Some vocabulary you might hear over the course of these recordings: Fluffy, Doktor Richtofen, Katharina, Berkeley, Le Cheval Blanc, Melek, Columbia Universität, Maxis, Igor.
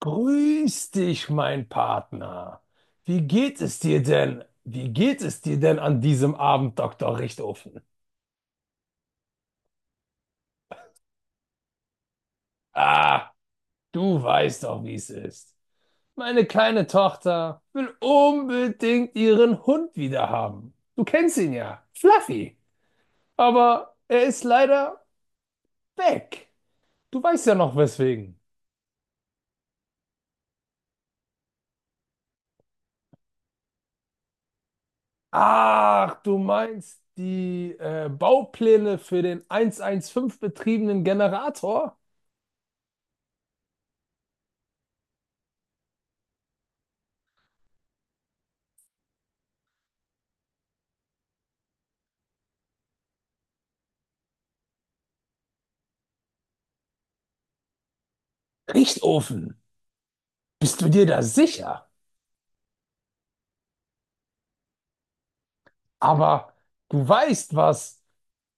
Grüß dich, mein Partner. Wie geht es dir denn? Wie geht es dir denn an diesem Abend, Doktor Richtofen? Ah, du weißt doch, wie es ist. Meine kleine Tochter will unbedingt ihren Hund wieder haben. Du kennst ihn ja, Fluffy. Aber er ist leider weg. Du weißt ja noch weswegen. Ach, du meinst die Baupläne für den 115 betriebenen Generator? Richtofen, bist du dir da sicher? Aber du weißt,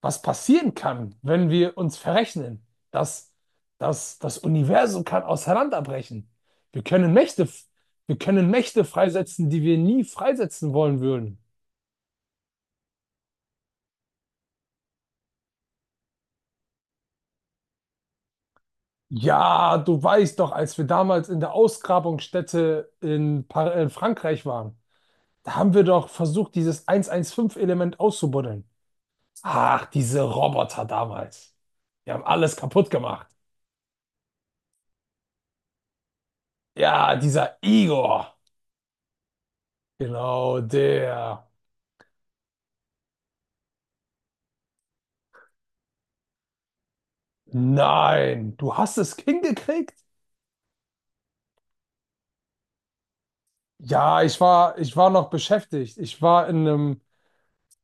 was passieren kann, wenn wir uns verrechnen. Das, Das Universum kann auseinanderbrechen. Wir können Mächte, wir können Mächte freisetzen, die wir nie freisetzen wollen würden. Ja, du weißt doch, als wir damals in der Ausgrabungsstätte in Frankreich waren, da haben wir doch versucht, dieses 115-Element auszubuddeln. Ach, diese Roboter damals. Die haben alles kaputt gemacht. Ja, dieser Igor. Genau, der. Nein, du hast es hingekriegt? Ja, ich war noch beschäftigt. Ich war in einem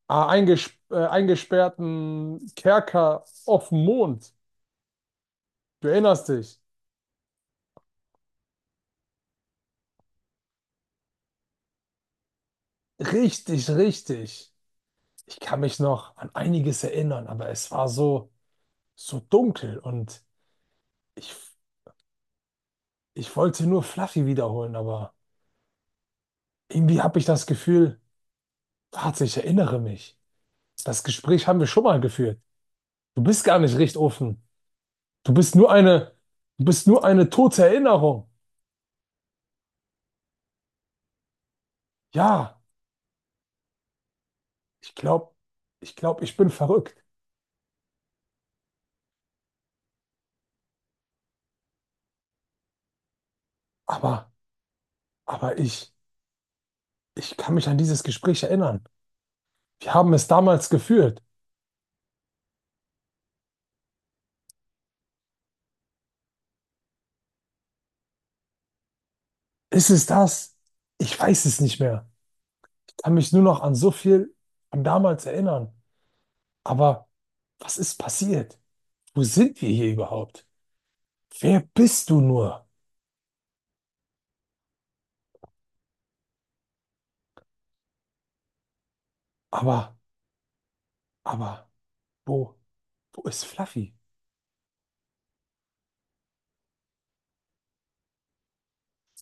eingesperrten Kerker auf dem Mond. Du erinnerst dich? Richtig, richtig. Ich kann mich noch an einiges erinnern, aber es war so, so dunkel und ich, ich wollte nur Fluffy wiederholen, aber irgendwie habe ich das Gefühl, warte, ich erinnere mich. Das Gespräch haben wir schon mal geführt. Du bist gar nicht recht offen. Du bist nur eine, du bist nur eine tote Erinnerung. Ja, ich glaube, ich glaube, ich bin verrückt. Aber, aber ich, ich kann mich an dieses Gespräch erinnern. Wir haben es damals geführt. Ist es das? Ich weiß es nicht mehr. Ich kann mich nur noch an so viel von damals erinnern. Aber was ist passiert? Wo sind wir hier überhaupt? Wer bist du nur? Aber, aber, wo, wo ist Fluffy?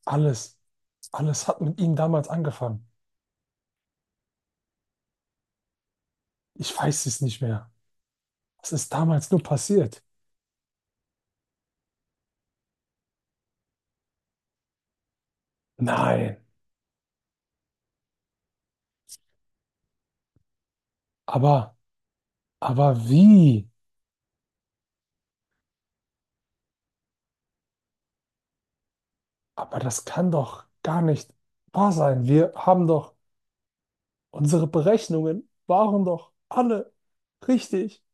Alles, alles hat mit ihm damals angefangen. Ich weiß es nicht mehr. Was ist damals nur passiert? Nein, aber, aber wie? Aber das kann doch gar nicht wahr sein. Wir haben doch, unsere Berechnungen waren doch alle richtig.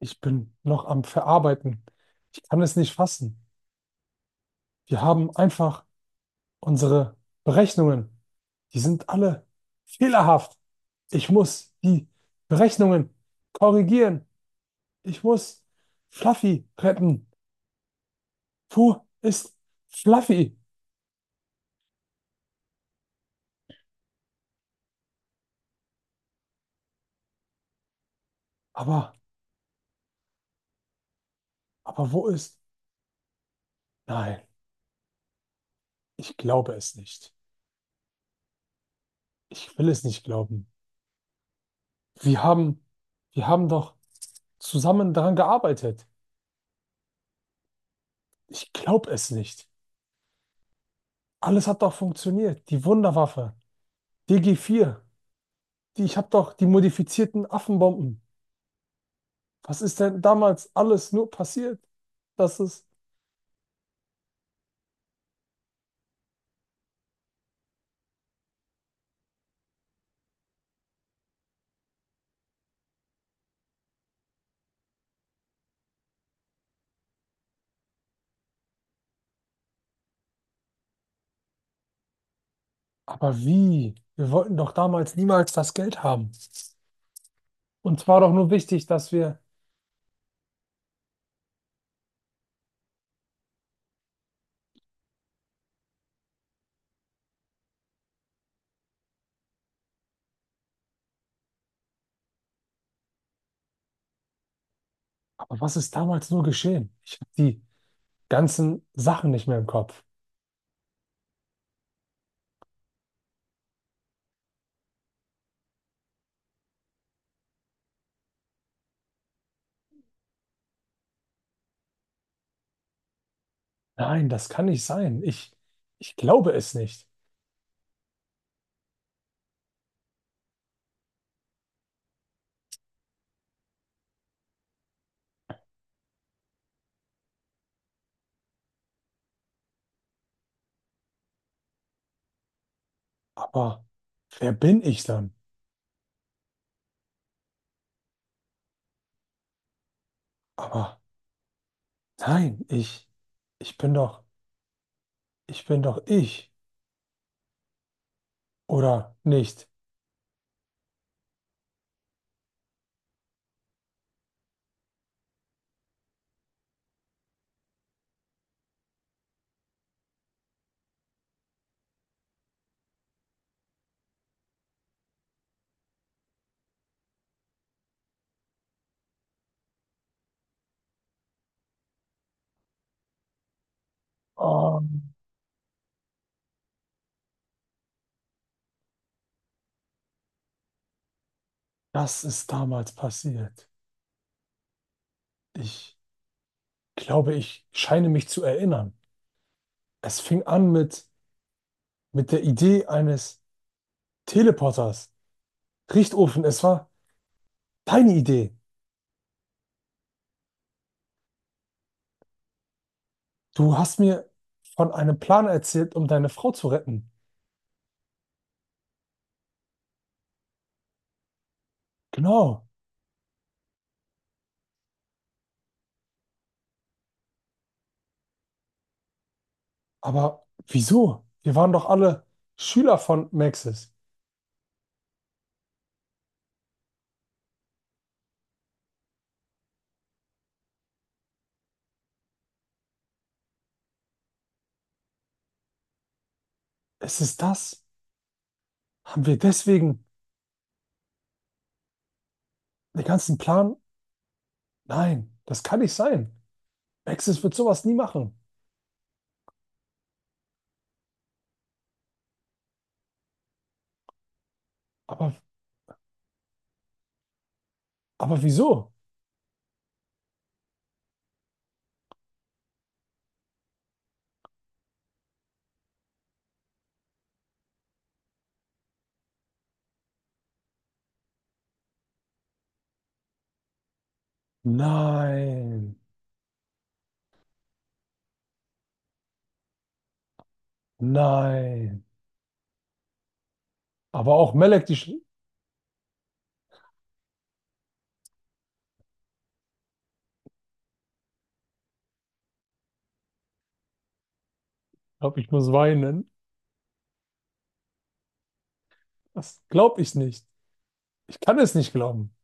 Ich bin noch am Verarbeiten. Ich kann es nicht fassen. Wir haben einfach unsere Berechnungen. Die sind alle fehlerhaft. Ich muss die Berechnungen korrigieren. Ich muss Fluffy retten. Wo ist Fluffy? Aber, aber wo ist? Nein, ich glaube es nicht. Ich will es nicht glauben. Wir haben, wir haben doch zusammen daran gearbeitet. Ich glaube es nicht. Alles hat doch funktioniert. Die Wunderwaffe, dg vier, die, ich habe doch die modifizierten Affenbomben. Was ist denn damals alles nur passiert? Das ist. Aber wie? Wir wollten doch damals niemals das Geld haben. Und zwar doch nur wichtig, dass wir. Aber was ist damals nur geschehen? Ich habe die ganzen Sachen nicht mehr im Kopf. Nein, das kann nicht sein. Ich glaube es nicht. Aber wer bin ich dann? Aber nein, ich bin doch, ich bin doch ich. Oder nicht? Oh, das ist damals passiert. Ich glaube, ich scheine mich zu erinnern. Es fing an mit der Idee eines Teleporters. Richtofen, es war deine Idee. Du hast mir von einem Plan erzählt, um deine Frau zu retten. Genau. Aber wieso? Wir waren doch alle Schüler von Maxis. Ist es das? Haben wir deswegen den ganzen Plan? Nein, das kann nicht sein. Maxis wird sowas nie machen. Aber, aber wieso? Nein, nein. Aber auch Melek, ich glaube, ich muss weinen. Das glaube ich nicht. Ich kann es nicht glauben.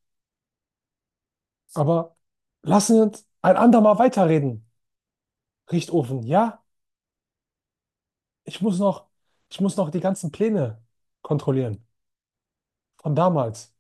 Aber lassen Sie uns ein andermal weiterreden. Richtofen, ja? Ich muss noch, ich muss noch die ganzen Pläne kontrollieren von damals.